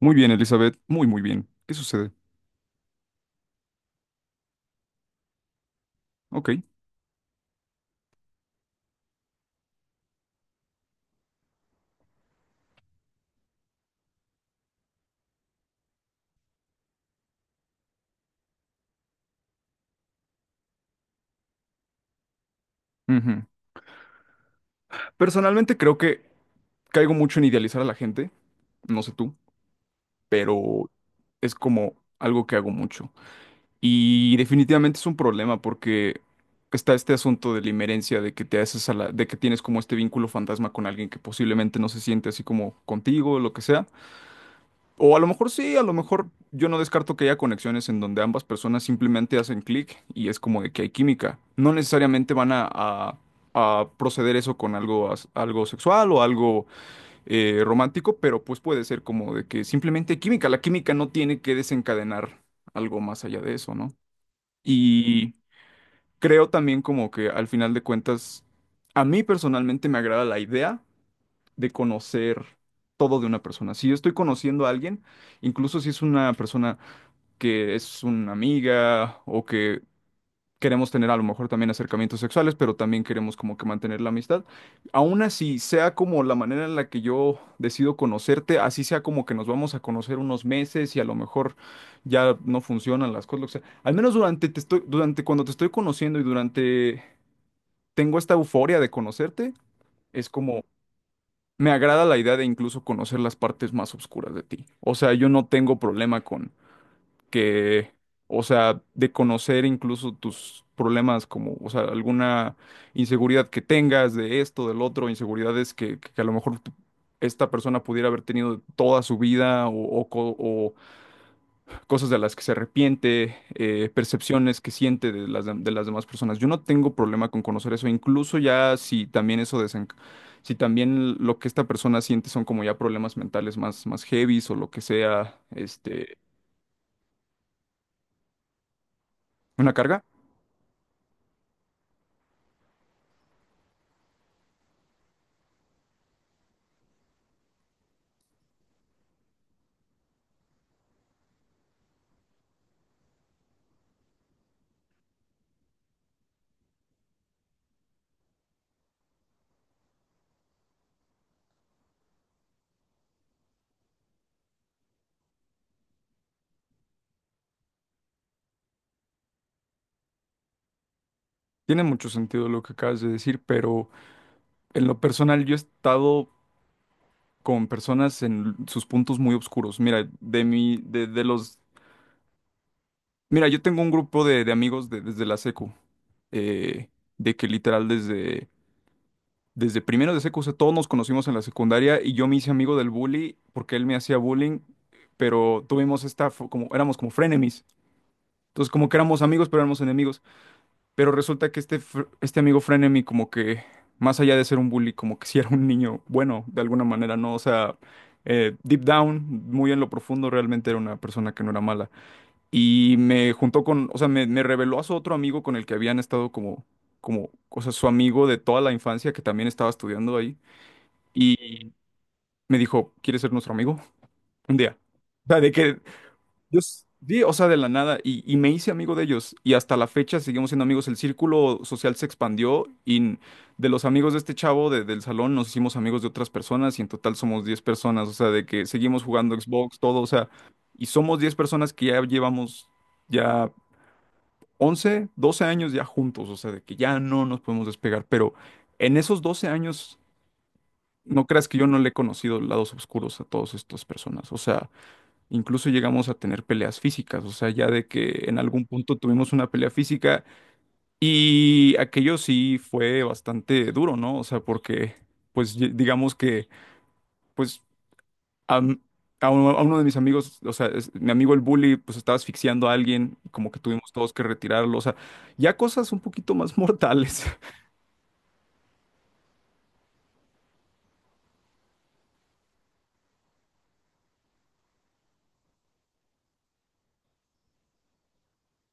Muy bien, Elizabeth, muy, muy bien. ¿Qué sucede? Ok. Ujú. Personalmente creo que caigo mucho en idealizar a la gente, no sé tú, pero es como algo que hago mucho. Y definitivamente es un problema porque está este asunto de la inmerencia, de que te haces a la, de que tienes como este vínculo fantasma con alguien que posiblemente no se siente así como contigo, lo que sea. O a lo mejor sí, a lo mejor yo no descarto que haya conexiones en donde ambas personas simplemente hacen clic y es como de que hay química. No necesariamente van a, a proceder eso con algo, algo sexual o algo romántico, pero pues puede ser como de que simplemente hay química. La química no tiene que desencadenar algo más allá de eso, ¿no? Y creo también como que al final de cuentas, a mí personalmente me agrada la idea de conocer todo de una persona. Si yo estoy conociendo a alguien, incluso si es una persona que es una amiga o que queremos tener a lo mejor también acercamientos sexuales, pero también queremos como que mantener la amistad, aún así sea como la manera en la que yo decido conocerte, así sea como que nos vamos a conocer unos meses y a lo mejor ya no funcionan las cosas, lo que sea. Al menos durante cuando te estoy conociendo y durante tengo esta euforia de conocerte, es como me agrada la idea de incluso conocer las partes más oscuras de ti. O sea, yo no tengo problema con que, o sea, de conocer incluso tus problemas como, o sea, alguna inseguridad que tengas de esto, del otro, inseguridades que a lo mejor esta persona pudiera haber tenido toda su vida o cosas de las que se arrepiente, percepciones que siente de las, de las demás personas. Yo no tengo problema con conocer eso, incluso ya si también eso si también lo que esta persona siente son como ya problemas mentales más heavies o lo que sea, este, una carga. Tiene mucho sentido lo que acabas de decir, pero en lo personal yo he estado con personas en sus puntos muy oscuros. Mira, de mi, de los, mira, yo tengo un grupo de amigos desde la secu, eh, de que literal desde primero de secu, o sea, todos nos conocimos en la secundaria y yo me hice amigo del bully porque él me hacía bullying, pero tuvimos esta, éramos como frenemies. Entonces, como que éramos amigos, pero éramos enemigos. Pero resulta que este, este amigo frenemy, como que, más allá de ser un bully, como que sí era un niño bueno, de alguna manera, ¿no? O sea, deep down, muy en lo profundo, realmente era una persona que no era mala. Y me juntó con, o sea, me reveló a su otro amigo con el que habían estado como, o sea, su amigo de toda la infancia que también estaba estudiando ahí y me dijo, ¿quieres ser nuestro amigo? Un día. O sea, de que yo sí, o sea, de la nada, y me hice amigo de ellos, y hasta la fecha seguimos siendo amigos, el círculo social se expandió, de los amigos de este chavo del salón nos hicimos amigos de otras personas, y en total somos 10 personas, o sea, de que seguimos jugando Xbox, todo, o sea, y somos 10 personas que ya llevamos ya 11 12 años ya juntos, o sea, de que ya no nos podemos despegar, pero en esos 12 años no creas que yo no le he conocido lados oscuros a todas estas personas. O sea, incluso llegamos a tener peleas físicas. O sea, ya de que en algún punto tuvimos una pelea física y aquello sí fue bastante duro, ¿no? O sea, porque, pues, digamos que, pues, a, m- a uno de mis amigos, o sea, mi amigo el bully, pues estaba asfixiando a alguien, como que tuvimos todos que retirarlo. O sea, ya cosas un poquito más mortales.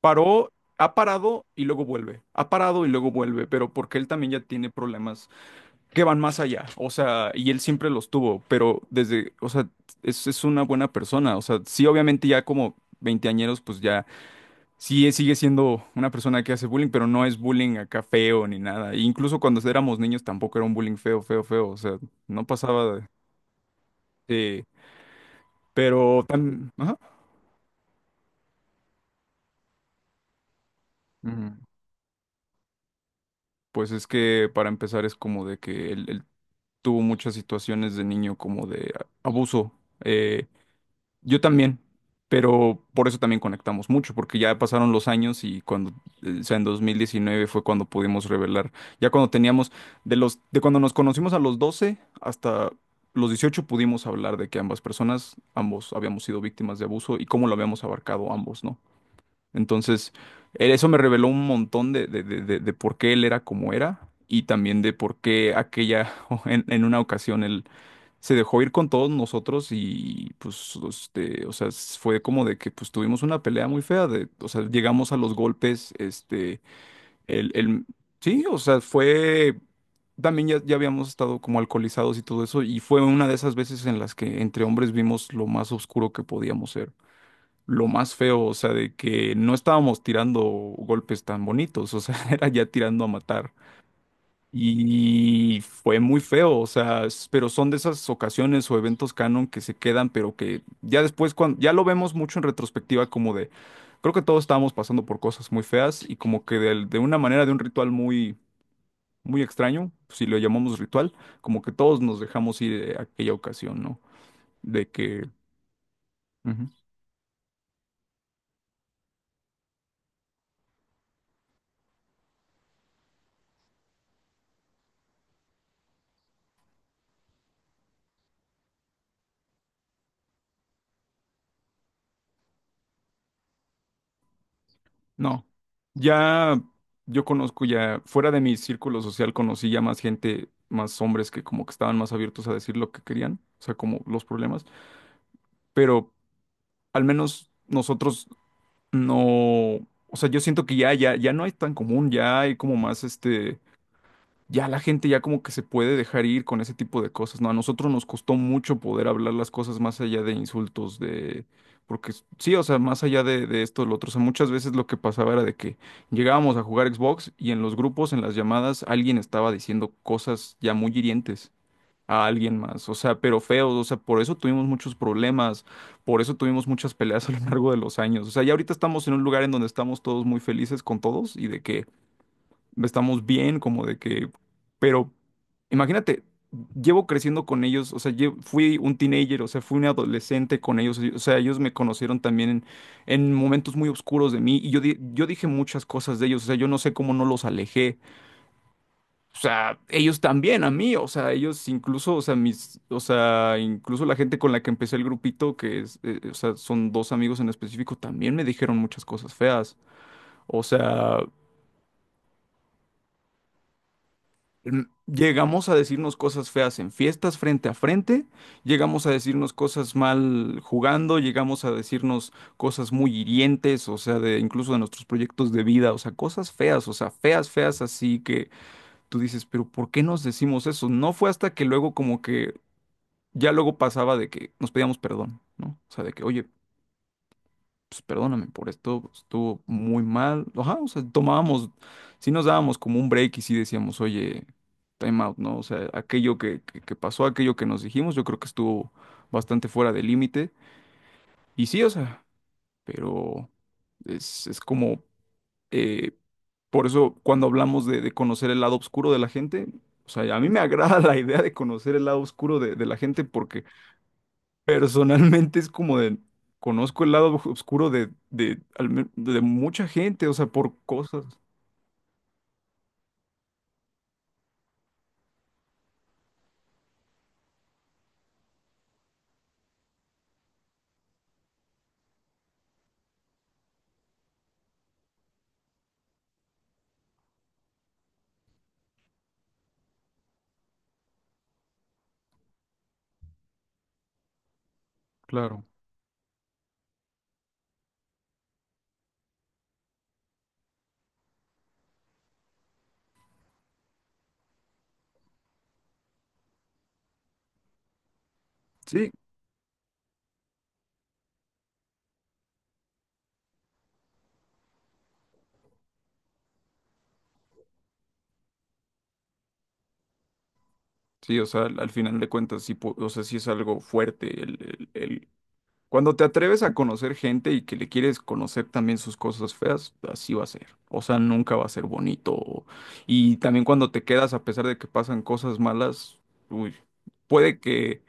Paró Ha parado y luego vuelve, ha parado y luego vuelve, pero porque él también ya tiene problemas que van más allá, o sea, y él siempre los tuvo, pero desde, o sea, es una buena persona, o sea, sí, obviamente ya como veinteañeros, pues ya, sí, sigue siendo una persona que hace bullying, pero no es bullying acá feo ni nada, e incluso cuando éramos niños tampoco era un bullying feo, feo, feo, o sea, no pasaba de, sí, pero tan, ajá, ujú. Pues es que para empezar es como de que él tuvo muchas situaciones de niño como de abuso. Eh, Yo también, pero por eso también conectamos mucho, porque ya pasaron los años y cuando, o sea, en 2019 fue cuando pudimos revelar, ya cuando teníamos, de los, de cuando nos conocimos a los 12 hasta los 18 pudimos hablar de que ambas personas, ambos habíamos sido víctimas de abuso y cómo lo habíamos abarcado ambos, ¿no? Entonces, eso me reveló un montón de por qué él era como era y también de por qué aquella, en una ocasión él se dejó ir con todos nosotros y pues, este, o sea, fue como de que pues tuvimos una pelea muy fea, de, o sea, llegamos a los golpes, este, el, el, sí, o sea, fue, también ya habíamos estado como alcoholizados y todo eso, y fue una de esas veces en las que entre hombres vimos lo más oscuro que podíamos ser. Lo más feo, o sea, de que no estábamos tirando golpes tan bonitos, o sea, era ya tirando a matar. Y fue muy feo, o sea, pero son de esas ocasiones o eventos canon que se quedan, pero que ya después, cuando, ya lo vemos mucho en retrospectiva, como de, creo que todos estábamos pasando por cosas muy feas y como que de una manera, de un ritual muy, muy extraño, si lo llamamos ritual, como que todos nos dejamos ir de aquella ocasión, ¿no? De que... No, ya yo conozco ya, fuera de mi círculo social conocí ya más gente, más hombres que como que estaban más abiertos a decir lo que querían, o sea, como los problemas, pero al menos nosotros no, o sea, yo siento que ya, ya, ya no es tan común, ya hay como más este ya la gente ya como que se puede dejar ir con ese tipo de cosas, ¿no? A nosotros nos costó mucho poder hablar las cosas más allá de insultos, de... Porque sí, o sea, más allá de esto, lo otro, o sea, muchas veces lo que pasaba era de que llegábamos a jugar Xbox y en los grupos, en las llamadas, alguien estaba diciendo cosas ya muy hirientes a alguien más, o sea, pero feos, o sea, por eso tuvimos muchos problemas, por eso tuvimos muchas peleas a lo largo de los años, o sea, ya ahorita estamos en un lugar en donde estamos todos muy felices con todos y de que estamos bien, como de que, pero imagínate, llevo creciendo con ellos, o sea, fui un teenager, o sea, fui un adolescente con ellos, o sea, ellos me conocieron también en momentos muy oscuros de mí y yo, yo dije muchas cosas de ellos, o sea, yo no sé cómo no los alejé, o sea, ellos también a mí, o sea, ellos incluso, o sea, mis, o sea, incluso la gente con la que empecé el grupito, que es, o sea, son dos amigos en específico, también me dijeron muchas cosas feas. O sea, mm, llegamos a decirnos cosas feas en fiestas frente a frente, llegamos a decirnos cosas mal jugando, llegamos a decirnos cosas muy hirientes, o sea, de incluso de nuestros proyectos de vida, o sea, cosas feas, o sea, feas, feas, así que tú dices, pero ¿por qué nos decimos eso? No fue hasta que luego como que ya luego pasaba de que nos pedíamos perdón, ¿no? O sea, de que, oye, pues perdóname por esto, pues, estuvo muy mal. Ajá, o sea, tomábamos, sí nos dábamos como un break y sí decíamos, oye, time out, ¿no? O sea, aquello que pasó, aquello que nos dijimos, yo creo que estuvo bastante fuera de límite. Y sí, o sea, pero es como, eh, por eso cuando hablamos de conocer el lado oscuro de la gente, o sea, a mí me agrada la idea de conocer el lado oscuro de la gente. Personalmente es como de, conozco el lado oscuro de mucha gente, o sea, por cosas, claro. Sí, sí, o sea, al final de cuentas, sí, o sea, sí es algo fuerte. Cuando te atreves a conocer gente y que le quieres conocer también sus cosas feas, así va a ser. O sea, nunca va a ser bonito. Y también cuando te quedas, a pesar de que pasan cosas malas, uy, puede que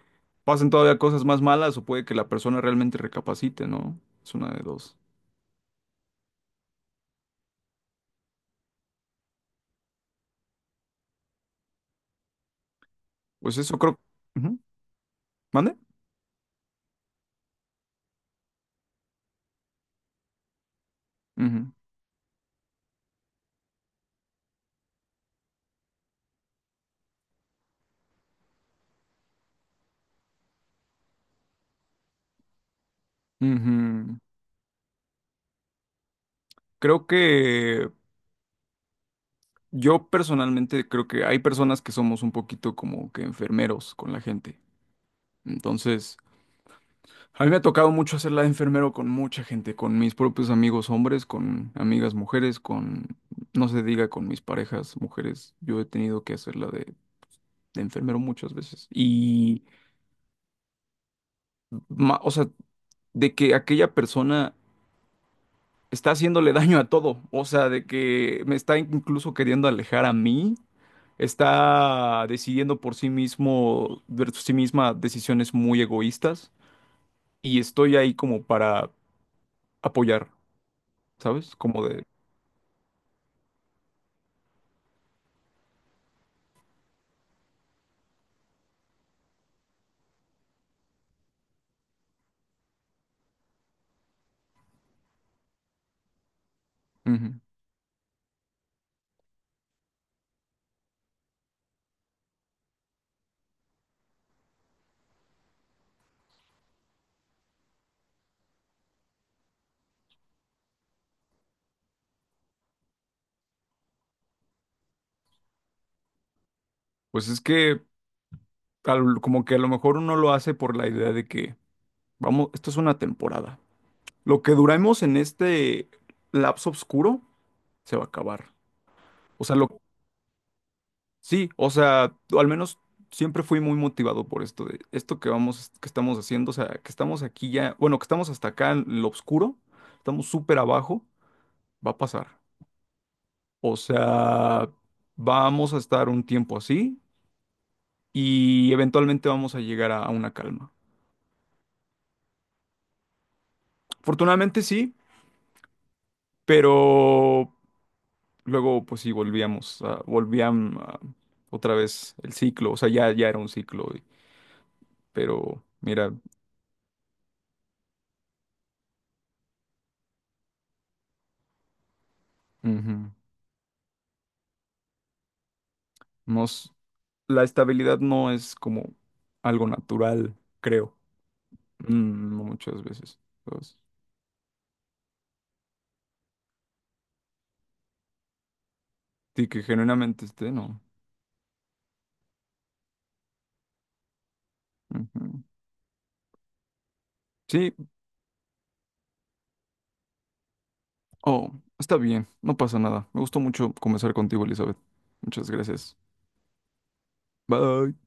pasen todavía cosas más malas o puede que la persona realmente recapacite, ¿no? Es una de dos. Pues eso creo. Ujú. ¿Mande? Ujú. Ujú. Creo que Yo personalmente creo que hay personas que somos un poquito como que enfermeros con la gente. Entonces, a mí me ha tocado mucho hacerla de enfermero con mucha gente, con mis propios amigos hombres, con amigas mujeres, con, no se diga, con mis parejas mujeres. Yo he tenido que hacerla de enfermero muchas veces. Y, o sea, de que aquella persona está haciéndole daño a todo. O sea, de que me está incluso queriendo alejar a mí. Está decidiendo por sí mismo, por sí misma, decisiones muy egoístas. Y estoy ahí como para apoyar, ¿sabes? Como de... "Ujú". Pues es que como que a lo mejor uno lo hace por la idea de que, vamos, esto es una temporada. Lo que duramos en este lapso oscuro se va a acabar. O sea, lo Sí, o sea, al menos siempre fui muy motivado por esto de esto que vamos, que estamos haciendo, o sea, que estamos aquí ya, bueno, que estamos hasta acá en lo oscuro, estamos súper abajo, va a pasar. O sea, vamos a estar un tiempo así y eventualmente vamos a llegar a una calma. Afortunadamente sí, pero luego pues sí volvíamos, otra vez el ciclo, o sea, ya era un ciclo, pero mira, ujú, no, la estabilidad no es como algo natural, creo. Mm, no muchas veces. ¿Sabes? Y que genuinamente esté, no. Ujú. Sí, oh, está bien, no pasa nada. Me gustó mucho conversar contigo, Elizabeth. Muchas gracias. Bye.